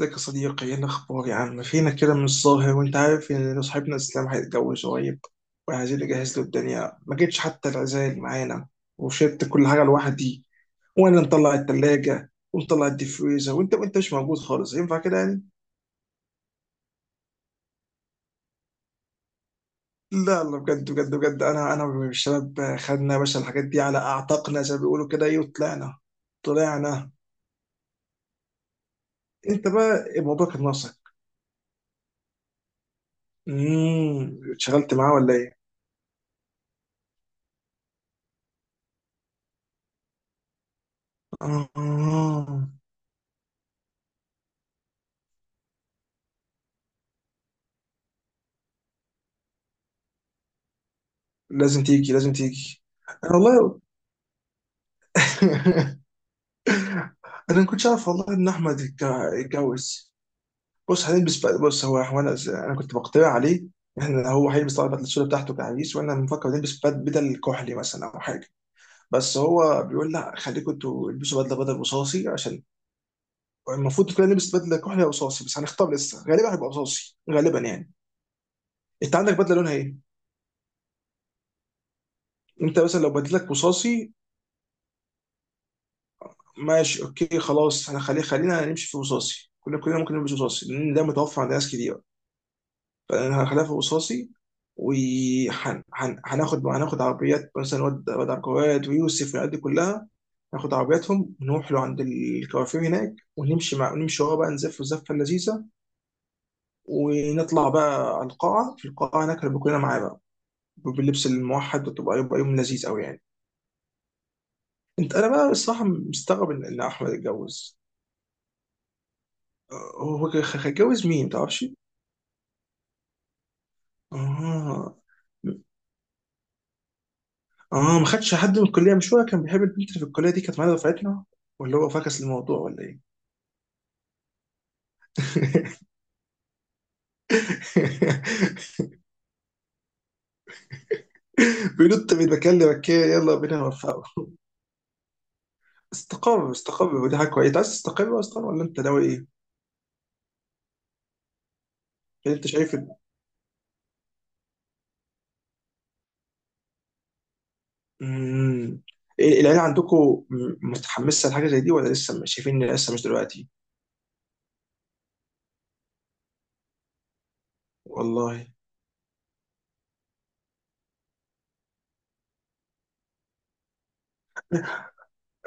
ازيك يا صديقي، ايه الاخبار يا عم؟ فينك كده من الظاهر؟ وانت عارف ان صاحبنا اسلام هيتجوز قريب، وعايزين نجهز له الدنيا. ما جيتش حتى العزاية اللي معانا وشلت كل حاجه لوحدي، وانا مطلع التلاجة ومطلع الديفريزر وانت مش موجود خالص. ينفع كده يعني؟ لا لا، بجد، انا والشباب خدنا يا باشا الحاجات دي على اعتقنا زي ما بيقولوا كده، ايه، وطلعنا طلعنا. انت بقى الموضوع كان ناقصك. اتشغلت معاه ولا ايه؟ آه. لازم تيجي، لازم تيجي. انا والله انا ما كنتش اعرف والله ان احمد يتجوز. بص هنلبس بقى، بص، هو انا كنت بقترح عليه. احنا هو هيلبس طبعا البدله السوداء بتاعته كعريس، وانا بنفكر نلبس بدل كحلي مثلا او حاجه. بس هو بيقول لا خليكم انتوا البسوا بدله، بدل رصاصي، عشان المفروض كلنا نلبس بدله كحلي او رصاصي. بس هنختار لسه، غالبا هيبقى رصاصي غالبا يعني. انت عندك بدله لونها ايه؟ انت مثلا لو بدلتك رصاصي، ماشي اوكي خلاص، احنا خلينا نمشي في رصاصي، كلنا ممكن نمشي في رصاصي لان ده متوفر عند ناس كتير. فانا هخليها في رصاصي. وهناخد عربيات مثلا، واد عقارات ويوسف والعيال دي كلها، ناخد عربياتهم نروح له عند الكوافير هناك، ونمشي مع نمشي ورا بقى، نزف الزفه اللذيذه. ونطلع بقى على القاعه، في القاعه هناك هنبقى كلنا معاه بقى باللبس الموحد، يبقى يوم لذيذ قوي يعني. انت انا بقى الصراحه مستغرب ان احمد اتجوز. أه، هو هيتجوز مين ما تعرفش؟ اه اه، ما خدش حد من الكليه؟ مش هو كان بيحب البنت اللي في الكليه دي؟ كانت معانا دفعتنا، ولا هو فاكس الموضوع ولا ايه؟ بينط من مكان لمكان. يلا بينا نوفقه. استقر استقر، ودي حاجه كويسه. انت عايز تستقر اصلا ولا انت ناوي ايه؟ يعني انت شايف. امم العيله عندكم متحمسه لحاجه زي دي، ولا لسه شايفين ان لسه مش دلوقتي؟ والله.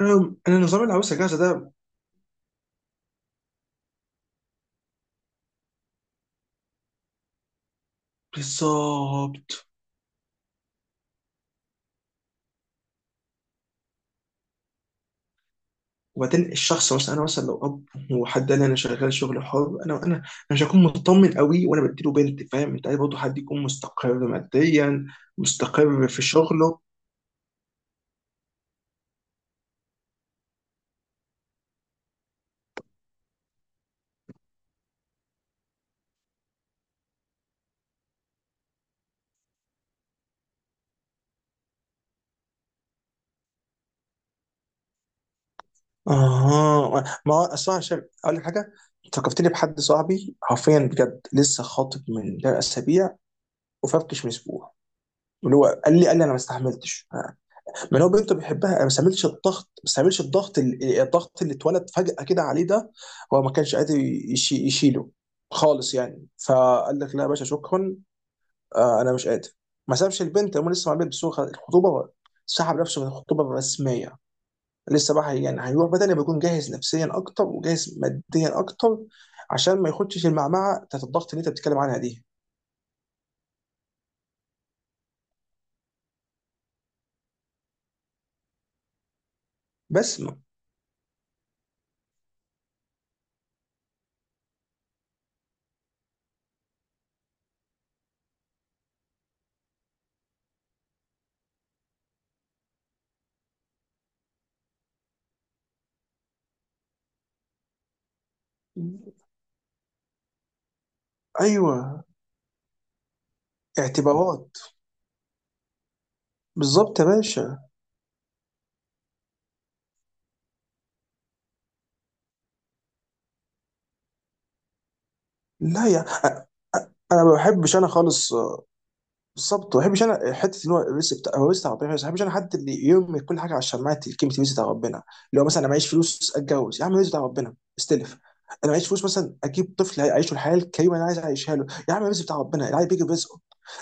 انا نظام العروسه جاهزه ده بالظبط. وبعدين الشخص، مثلا انا مثلا لو اب، وحد قال لي انا شغال شغل حر، انا مش هكون مطمن قوي وانا بديله بنت. فاهم؟ انت عايز برضه حد يكون مستقر ماديا، مستقر في شغله. اها، ما هو اصلا عشان اقول لك حاجه، فكرتني بحد صاحبي حرفيا بجد، لسه خاطب من ده اسابيع وفركش من اسبوع. اللي هو قال لي انا ما استحملتش. من هو بنته بيحبها، ما استعملش الضغط، ما استعملش الضغط، الضغط اللي اتولد فجأة كده عليه ده هو ما كانش قادر يشيله خالص يعني. فقال لك لا يا باشا، شكرا، آه انا مش قادر. ما سابش البنت، هم لسه مع البنت، بس هو الخطوبة، سحب نفسه من الخطوبة الرسمية. لسه بقى يعني هيروح بدني بيكون جاهز نفسيا اكتر وجاهز ماديا اكتر، عشان ما يخدش المعمعة بتاعت الضغط اللي انت بتتكلم عنها دي. بس ايوه، اعتبارات، بالظبط يا باشا. لا يا أ- انا ما بحبش انا خالص. آه، بالظبط، ما بحبش انا حته ان هو الرزق بتاع هو رزق بتاع ربنا، بس ما بحبش انا حد اللي يرمي كل حاجه على الشماعات كلمه رزق بتاع ربنا. اللي هو مثلا انا معيش فلوس، اتجوز يا عم، رزق بتاع ربنا، استلف. انا معيش فلوس مثلا، اجيب طفل يعيشه الحياه الكريمه اللي انا عايز اعيشها له، يا عم رزق بتاع ربنا، العيال بيجي برزقه.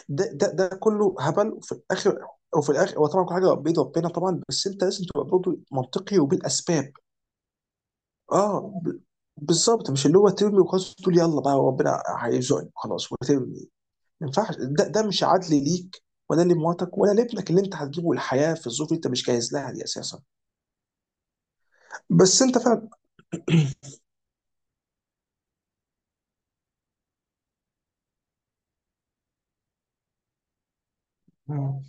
ده كله هبل. وفي الاخر وفي الاخر هو طبعا كل حاجه بيد ربنا طبعا، بس انت لازم تبقى برضه منطقي وبالاسباب. اه ب- بالظبط، مش اللي هو ترمي وخلاص تقول يلا بقى ربنا هيرزقني خلاص وترمي. ما ينفعش ده، ده مش عدل ليك ولا لمراتك ولا لابنك اللي انت هتجيبه الحياه في الظروف اللي انت مش جاهز لها دي اساسا. بس انت فعلا مم.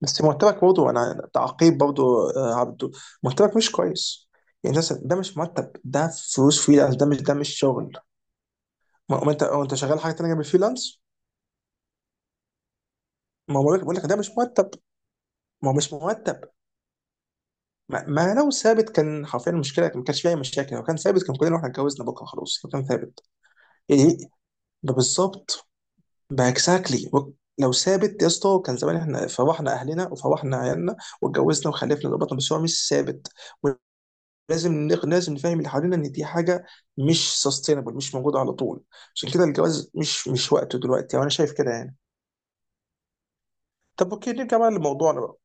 بس مرتبك برضه، انا تعقيب برضه، آه، عبده مرتبك مش كويس. يعني مثلا ده مش مرتب ده، فلوس فريلانس ده مش، ده مش شغل. ما انت ما انت شغال حاجه تانيه جنب الفريلانس. ما هو بقول لك ده مش مرتب. ما هو مش مرتب. ما لو ثابت كان حرفيا المشكله ما كانش فيها اي مشاكل، لو كان ثابت كان كلنا احنا اتجوزنا بكره خلاص، لو كان ثابت يعني. بالظبط، باكزاكتلي، لو ثابت يا اسطى كان زمان احنا فرحنا اهلنا وفرحنا عيالنا واتجوزنا وخلفنا وربطنا، بس هو مش ثابت. ولازم لازم نفهم اللي حوالينا ان دي حاجه مش سستينبل، مش موجوده على طول. عشان كده الجواز مش، مش وقته دلوقتي، وانا شايف كده يعني. طب اوكي نرجع بقى لموضوعنا بقى.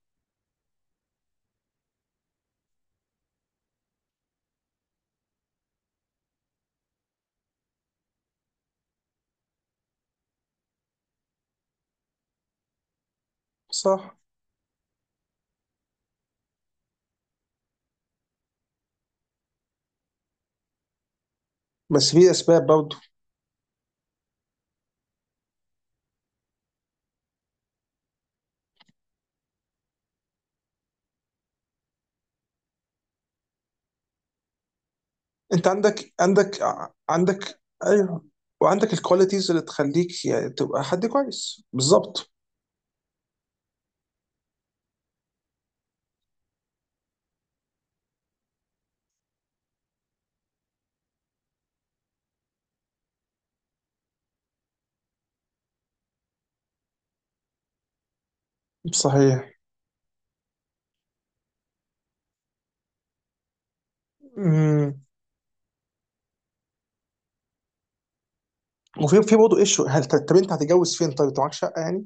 صح، بس في اسباب برضه. انت عندك عندك ع- عندك ايوه، وعندك الكواليتيز اللي تخليك يعني تبقى حد كويس بالظبط. صحيح. امم وفي في برضه ايشو هل طب انت هتتجوز فين؟ طيب انت معاك شقه يعني؟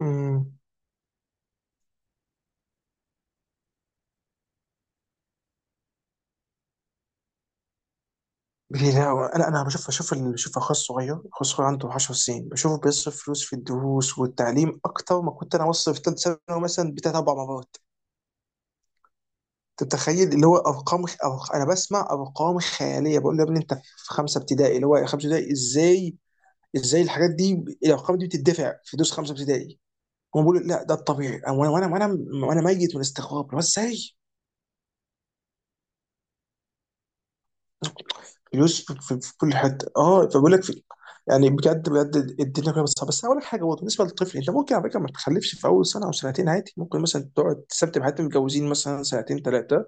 امم لا، انا بشوف، بشوف بشوف اخويا الصغير، اخويا الصغير عنده 10 سنين، بشوفه بيصرف فلوس في الدروس والتعليم اكتر ما كنت انا بصرف في ثالث ثانوي مثلا بتاع اربع مرات. انت متخيل؟ اللي هو ارقام انا بسمع ارقام خياليه، بقول له يا ابني انت في خمسه ابتدائي، اللي هو خمسه ابتدائي ازاي؟ ازاي الحاجات دي، الارقام دي بتدفع في دروس خمسه ابتدائي؟ هم بيقولوا لا، ده الطبيعي. وانا ميت من الاستغراب، هو ازاي؟ فلوس في كل حته، اه، فبقول لك في، يعني بجد بجد الدنيا كلها بتصعب. بس أنا اقول لك حاجه برضه بالنسبه للطفل، انت ممكن على فكره ما تخلفش في اول سنه او سنتين عادي، ممكن مثلا تقعد تثبت بحياتهم متجوزين مثلا سنتين ثلاثه.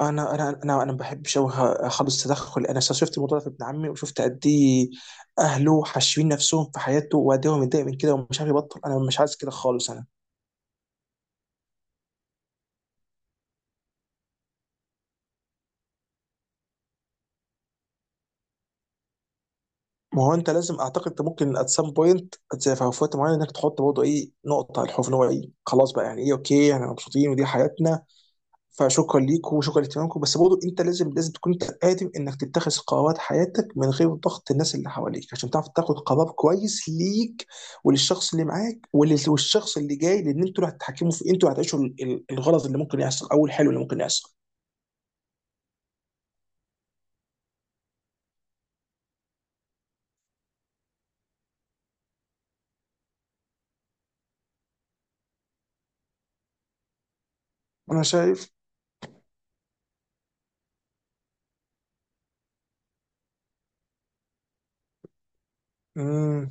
انا ما بحبش أوي اخلص تدخل. انا شفت الموضوع ده في ابن عمي، وشفت قد ايه اهله حاشرين نفسهم في حياته، وقد ايه هو متضايق من كده ومش عارف يبطل. انا مش عايز كده خالص انا. ما هو انت لازم اعتقد انت ممكن ات سام بوينت في وقت معين انك تحط برضه ايه نقطه على الحروف، اللي هو ايه، خلاص بقى يعني، ايه، اوكي احنا مبسوطين ودي حياتنا، فشكرا ليكم وشكرا لاهتمامكم. بس برضه انت لازم، لازم تكون انت قادر انك تتخذ قرارات حياتك من غير ضغط الناس اللي حواليك، عشان تعرف تاخد قرار كويس ليك وللشخص اللي معاك والشخص اللي جاي، لان انتوا اللي هتتحكموا في، انتوا اللي هتعيشوا الغلط اللي ممكن يحصل او الحلو اللي ممكن يحصل. انا شايف. مم،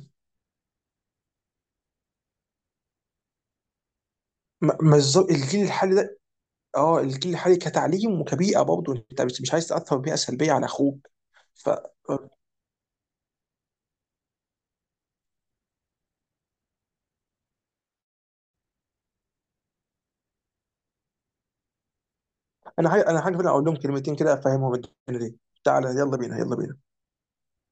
ما ما الز- الجيل الحالي ده، اه الجيل الحالي كتعليم وكبيئه، برضه انت مش، مش عايز تاثر بيئه سلبيه على اخوك. فانا انا حاجه اقول لهم كلمتين كده، افهمهم الدنيا دي. تعالى يلا بينا، يلا بينا.